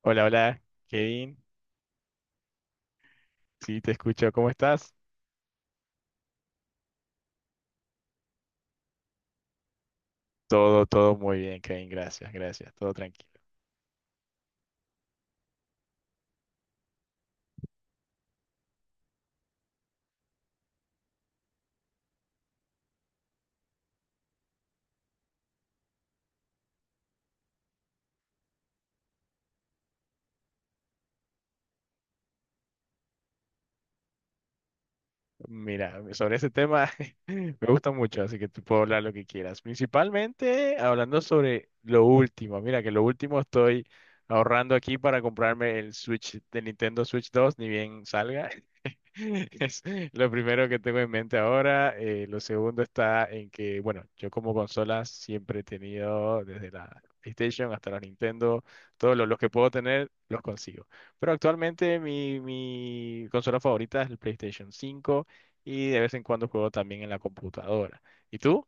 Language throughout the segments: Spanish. Hola, hola, Kevin. Sí, te escucho. ¿Cómo estás? Todo muy bien, Kevin. Gracias, gracias. Todo tranquilo. Mira, sobre ese tema me gusta mucho, así que tú puedo hablar lo que quieras. Principalmente hablando sobre lo último. Mira, que lo último estoy ahorrando aquí para comprarme el Switch de Nintendo Switch 2, ni bien salga. Es lo primero que tengo en mente ahora. Lo segundo está en que, bueno, yo como consolas siempre he tenido desde la PlayStation hasta la Nintendo, todos los que puedo tener los consigo. Pero actualmente mi consola favorita es el PlayStation 5 y de vez en cuando juego también en la computadora. ¿Y tú?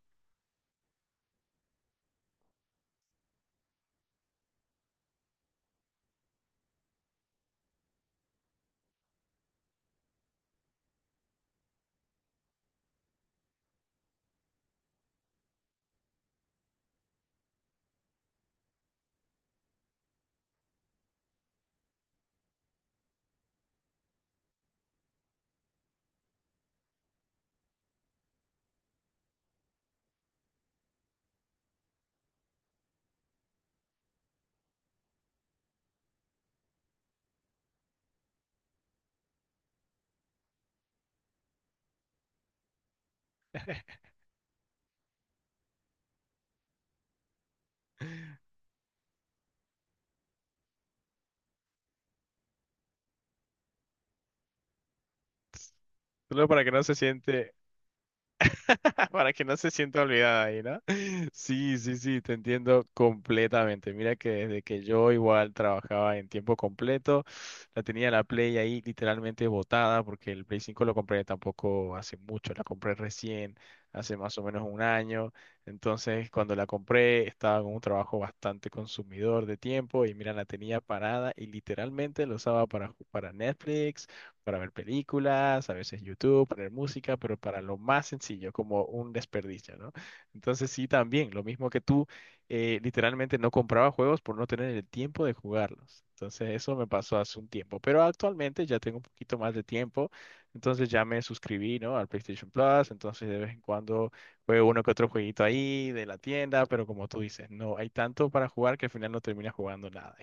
Solo para que no se siente, para que no se sienta olvidada ahí, ¿no? Sí, sí, sí, te entiendo completamente. Mira que desde que yo igual trabajaba en tiempo completo, la tenía la Play ahí literalmente botada porque el Play 5 lo compré tampoco hace mucho, la compré recién, hace más o menos un año. Entonces, cuando la compré, estaba con un trabajo bastante consumidor de tiempo y mira, la tenía parada y literalmente lo usaba para, para Netflix, para ver películas, a veces YouTube, poner música, pero para lo más sencillo, como un desperdicio, ¿no? Entonces sí, también, lo mismo que tú, literalmente no compraba juegos por no tener el tiempo de jugarlos. Entonces eso me pasó hace un tiempo, pero actualmente ya tengo un poquito más de tiempo, entonces ya me suscribí, ¿no? Al PlayStation Plus, entonces de vez en cuando juego uno que otro jueguito ahí de la tienda, pero como tú dices, no hay tanto para jugar que al final no terminas jugando nada.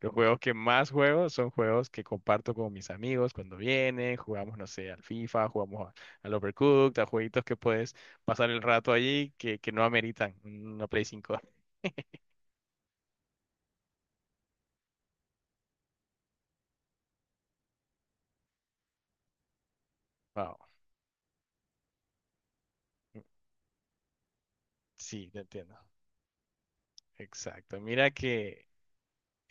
Los juegos que más juego son juegos que comparto con mis amigos cuando vienen, jugamos, no sé, al FIFA, jugamos al Overcooked, a jueguitos que puedes pasar el rato allí que no ameritan una Play cinco. Wow. Sí, te entiendo. Exacto. Mira que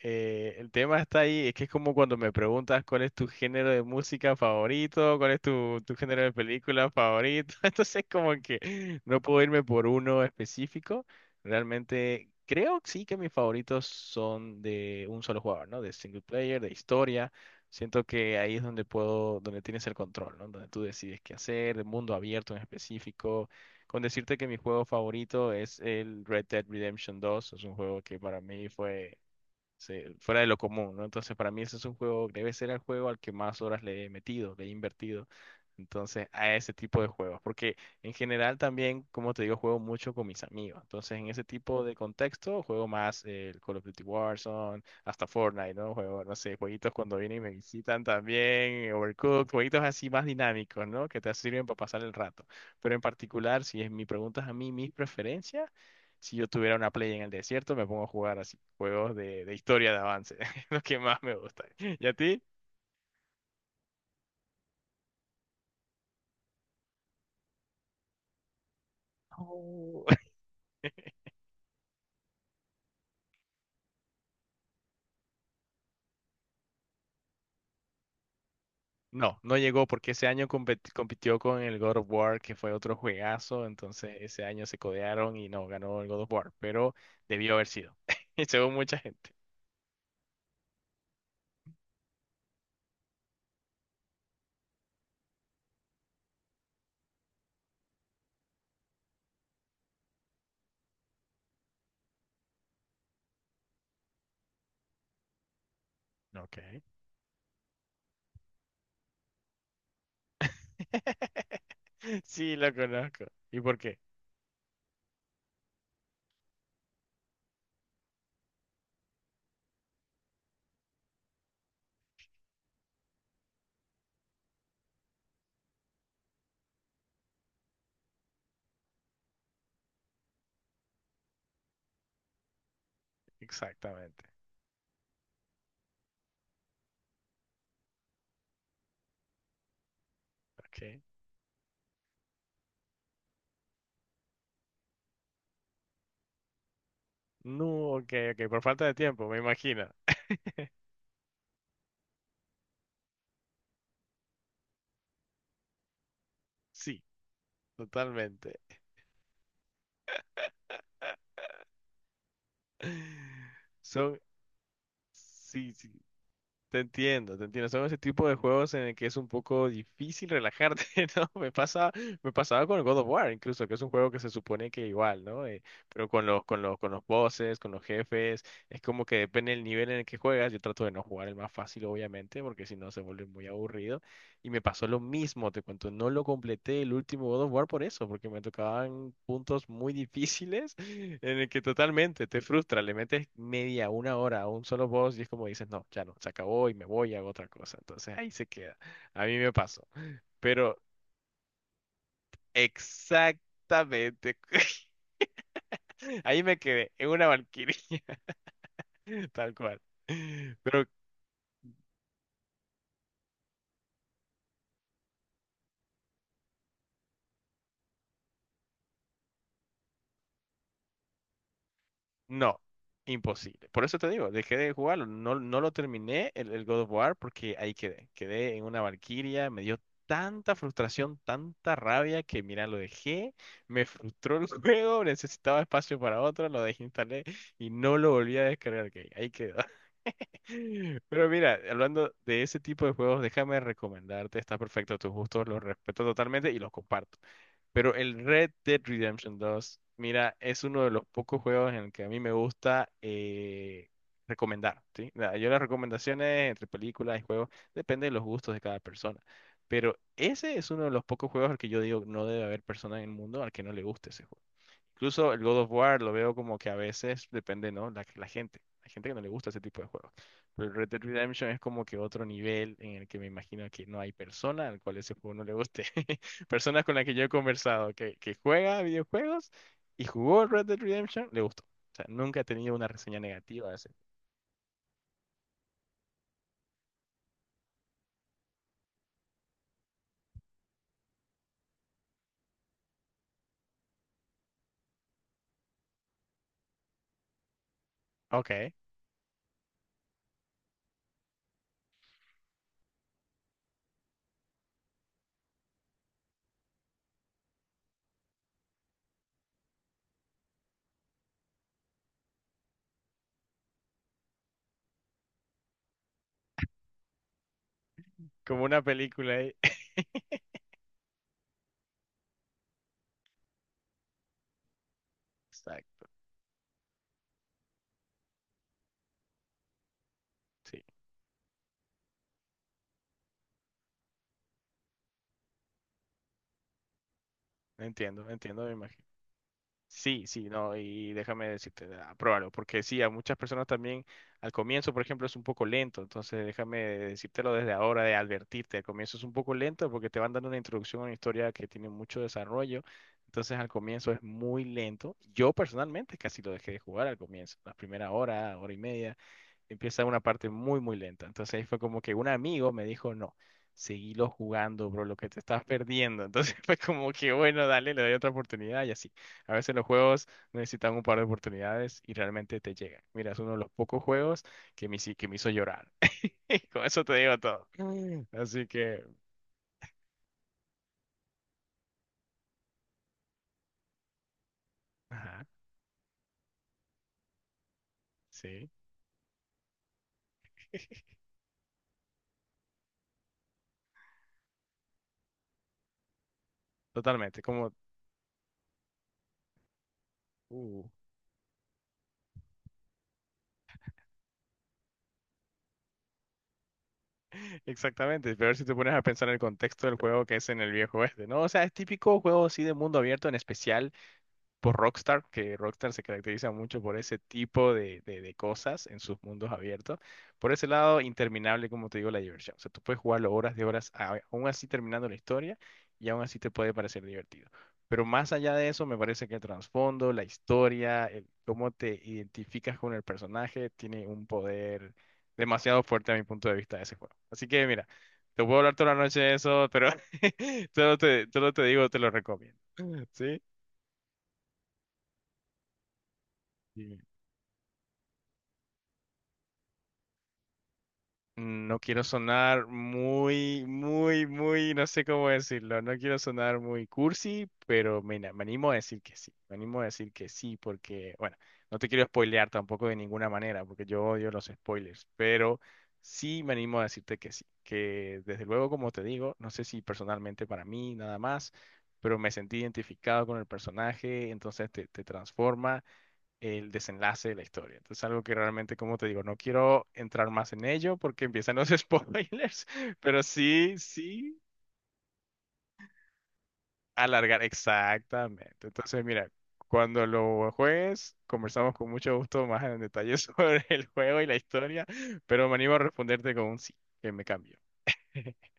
Eh, el tema está ahí, es que es como cuando me preguntas cuál es tu género de música favorito, cuál es tu género de película favorito, entonces como que no puedo irme por uno específico, realmente creo que sí, que mis favoritos son de un solo jugador, ¿no? De single player, de historia, siento que ahí es donde puedo, donde tienes el control, ¿no? Donde tú decides qué hacer, de mundo abierto en específico, con decirte que mi juego favorito es el Red Dead Redemption 2, es un juego que para mí fue fuera de lo común, ¿no? Entonces, para mí ese es un juego, debe ser el juego al que más horas le he metido, le he invertido. Entonces, a ese tipo de juegos, porque en general también, como te digo, juego mucho con mis amigos. Entonces, en ese tipo de contexto, juego más el Call of Duty Warzone, hasta Fortnite, ¿no? Juego, no sé, jueguitos cuando vienen y me visitan también, Overcooked, jueguitos así más dinámicos, ¿no? Que te sirven para pasar el rato. Pero en particular, si es mi pregunta a mí, mis preferencias, si yo tuviera una play en el desierto, me pongo a jugar así juegos de historia de avance, lo que más me gusta. ¿Y a ti? No, no no llegó porque ese año compitió con el God of War, que fue otro juegazo, entonces ese año se codearon y no ganó el God of War, pero debió haber sido, según mucha gente. Ok. Sí, lo conozco. ¿Y por qué? Exactamente. Ok. No, ok, ok, por falta de tiempo, me imagino. Sí, totalmente. Son, sí, sí. Te entiendo, te entiendo. Son ese tipo de juegos en el que es un poco difícil relajarte, ¿no? Me pasa, me pasaba con el God of War, incluso, que es un juego que se supone que igual, ¿no? Pero con los, con los, con los bosses, con los jefes, es como que depende del nivel en el que juegas. Yo trato de no jugar el más fácil, obviamente, porque si no se vuelve muy aburrido. Y me pasó lo mismo, te cuento, no lo completé el último God of War por eso, porque me tocaban puntos muy difíciles en el que totalmente te frustra, le metes media, una hora a un solo boss y es como dices, no, ya no, se acabó y me voy a otra cosa. Entonces ahí se queda. A mí me pasó. Pero exactamente, ahí me quedé, en una valquiria, tal cual. Pero no, imposible. Por eso te digo, dejé de jugarlo. No, no lo terminé el God of War porque ahí quedé. Quedé en una Valquiria, me dio tanta frustración, tanta rabia que mira, lo dejé, me frustró el juego, necesitaba espacio para otro, lo desinstalé y no lo volví a descargar. Que Ahí quedó. Pero mira, hablando de ese tipo de juegos, déjame recomendarte, está perfecto a tus gustos, los respeto totalmente y los comparto. Pero el Red Dead Redemption 2, mira, es uno de los pocos juegos en el que a mí me gusta recomendar, ¿sí? Yo las recomendaciones entre películas y juegos depende de los gustos de cada persona. Pero ese es uno de los pocos juegos al que yo digo no debe haber persona en el mundo al que no le guste ese juego. Incluso el God of War lo veo como que a veces depende, ¿no? La gente. Hay gente que no le gusta ese tipo de juegos. Pero el Red Dead Redemption es como que otro nivel en el que me imagino que no hay persona al cual ese juego no le guste. Personas con las que yo he conversado que juega videojuegos y jugó Red Dead Redemption, le gustó. O sea, nunca he tenido una reseña negativa de ese. Ok, como una película ahí. Exacto, sí. Entiendo, entiendo, me imagino. Sí, sí, no, y déjame decirte, ah, pruébalo, porque sí, a muchas personas también al comienzo, por ejemplo, es un poco lento, entonces déjame decírtelo desde ahora, de advertirte, al comienzo es un poco lento porque te van dando una introducción a una historia que tiene mucho desarrollo, entonces al comienzo es muy lento. Yo personalmente casi lo dejé de jugar al comienzo, la primera hora, hora y media empieza una parte muy, muy lenta. Entonces ahí fue como que un amigo me dijo, no, seguilo jugando, bro, lo que te estás perdiendo. Entonces fue como que, bueno, dale, le doy otra oportunidad y así. A veces los juegos necesitan un par de oportunidades y realmente te llegan. Mira, es uno de los pocos juegos que que me hizo llorar. Y con eso te digo todo. Así que, ajá, sí, totalmente, como... uh, exactamente, pero si te pones a pensar en el contexto del juego que es en el viejo oeste, ¿no? O sea, es típico juego así de mundo abierto, en especial por Rockstar, que Rockstar se caracteriza mucho por ese tipo de cosas en sus mundos abiertos. Por ese lado, interminable, como te digo, la diversión. O sea, tú puedes jugarlo horas de horas, aún así terminando la historia, y aún así te puede parecer divertido. Pero más allá de eso, me parece que el trasfondo, la historia, el cómo te identificas con el personaje, tiene un poder demasiado fuerte a mi punto de vista de ese juego. Así que mira, te puedo hablar toda la noche de eso, pero solo te digo, te lo recomiendo. ¿Sí? Sí. No quiero sonar muy no sé cómo decirlo, no quiero sonar muy cursi, pero me animo a decir que sí, me animo a decir que sí, porque, bueno, no te quiero spoilear tampoco de ninguna manera, porque yo odio los spoilers, pero sí me animo a decirte que sí, que desde luego, como te digo, no sé si personalmente para mí nada más, pero me sentí identificado con el personaje, entonces te transforma el desenlace de la historia. Entonces, algo que realmente, como te digo, no quiero entrar más en ello porque empiezan los spoilers, pero sí, sí, alargar, exactamente. Entonces, mira, cuando lo juegues, conversamos con mucho gusto más en detalle sobre el juego y la historia, pero me animo a responderte con un sí, que me cambio.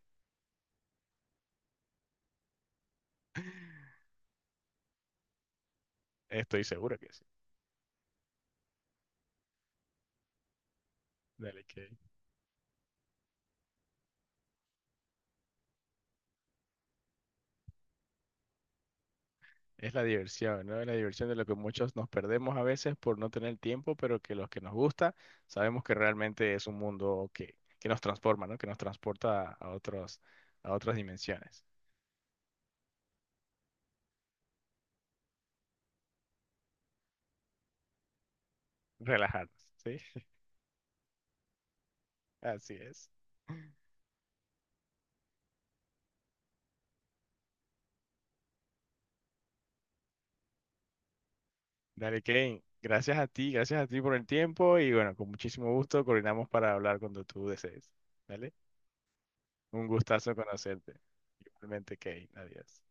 Estoy seguro que sí. Dale, que es la diversión, ¿no? Es la diversión de lo que muchos nos perdemos a veces por no tener tiempo, pero que los que nos gusta sabemos que realmente es un mundo que nos transforma, ¿no? Que nos transporta a otros, a otras dimensiones. Relajarnos, ¿sí? Así es. Dale, Kane. Gracias a ti por el tiempo y bueno, con muchísimo gusto coordinamos para hablar cuando tú desees. ¿Vale? Un gustazo conocerte. Igualmente, Kane. Adiós.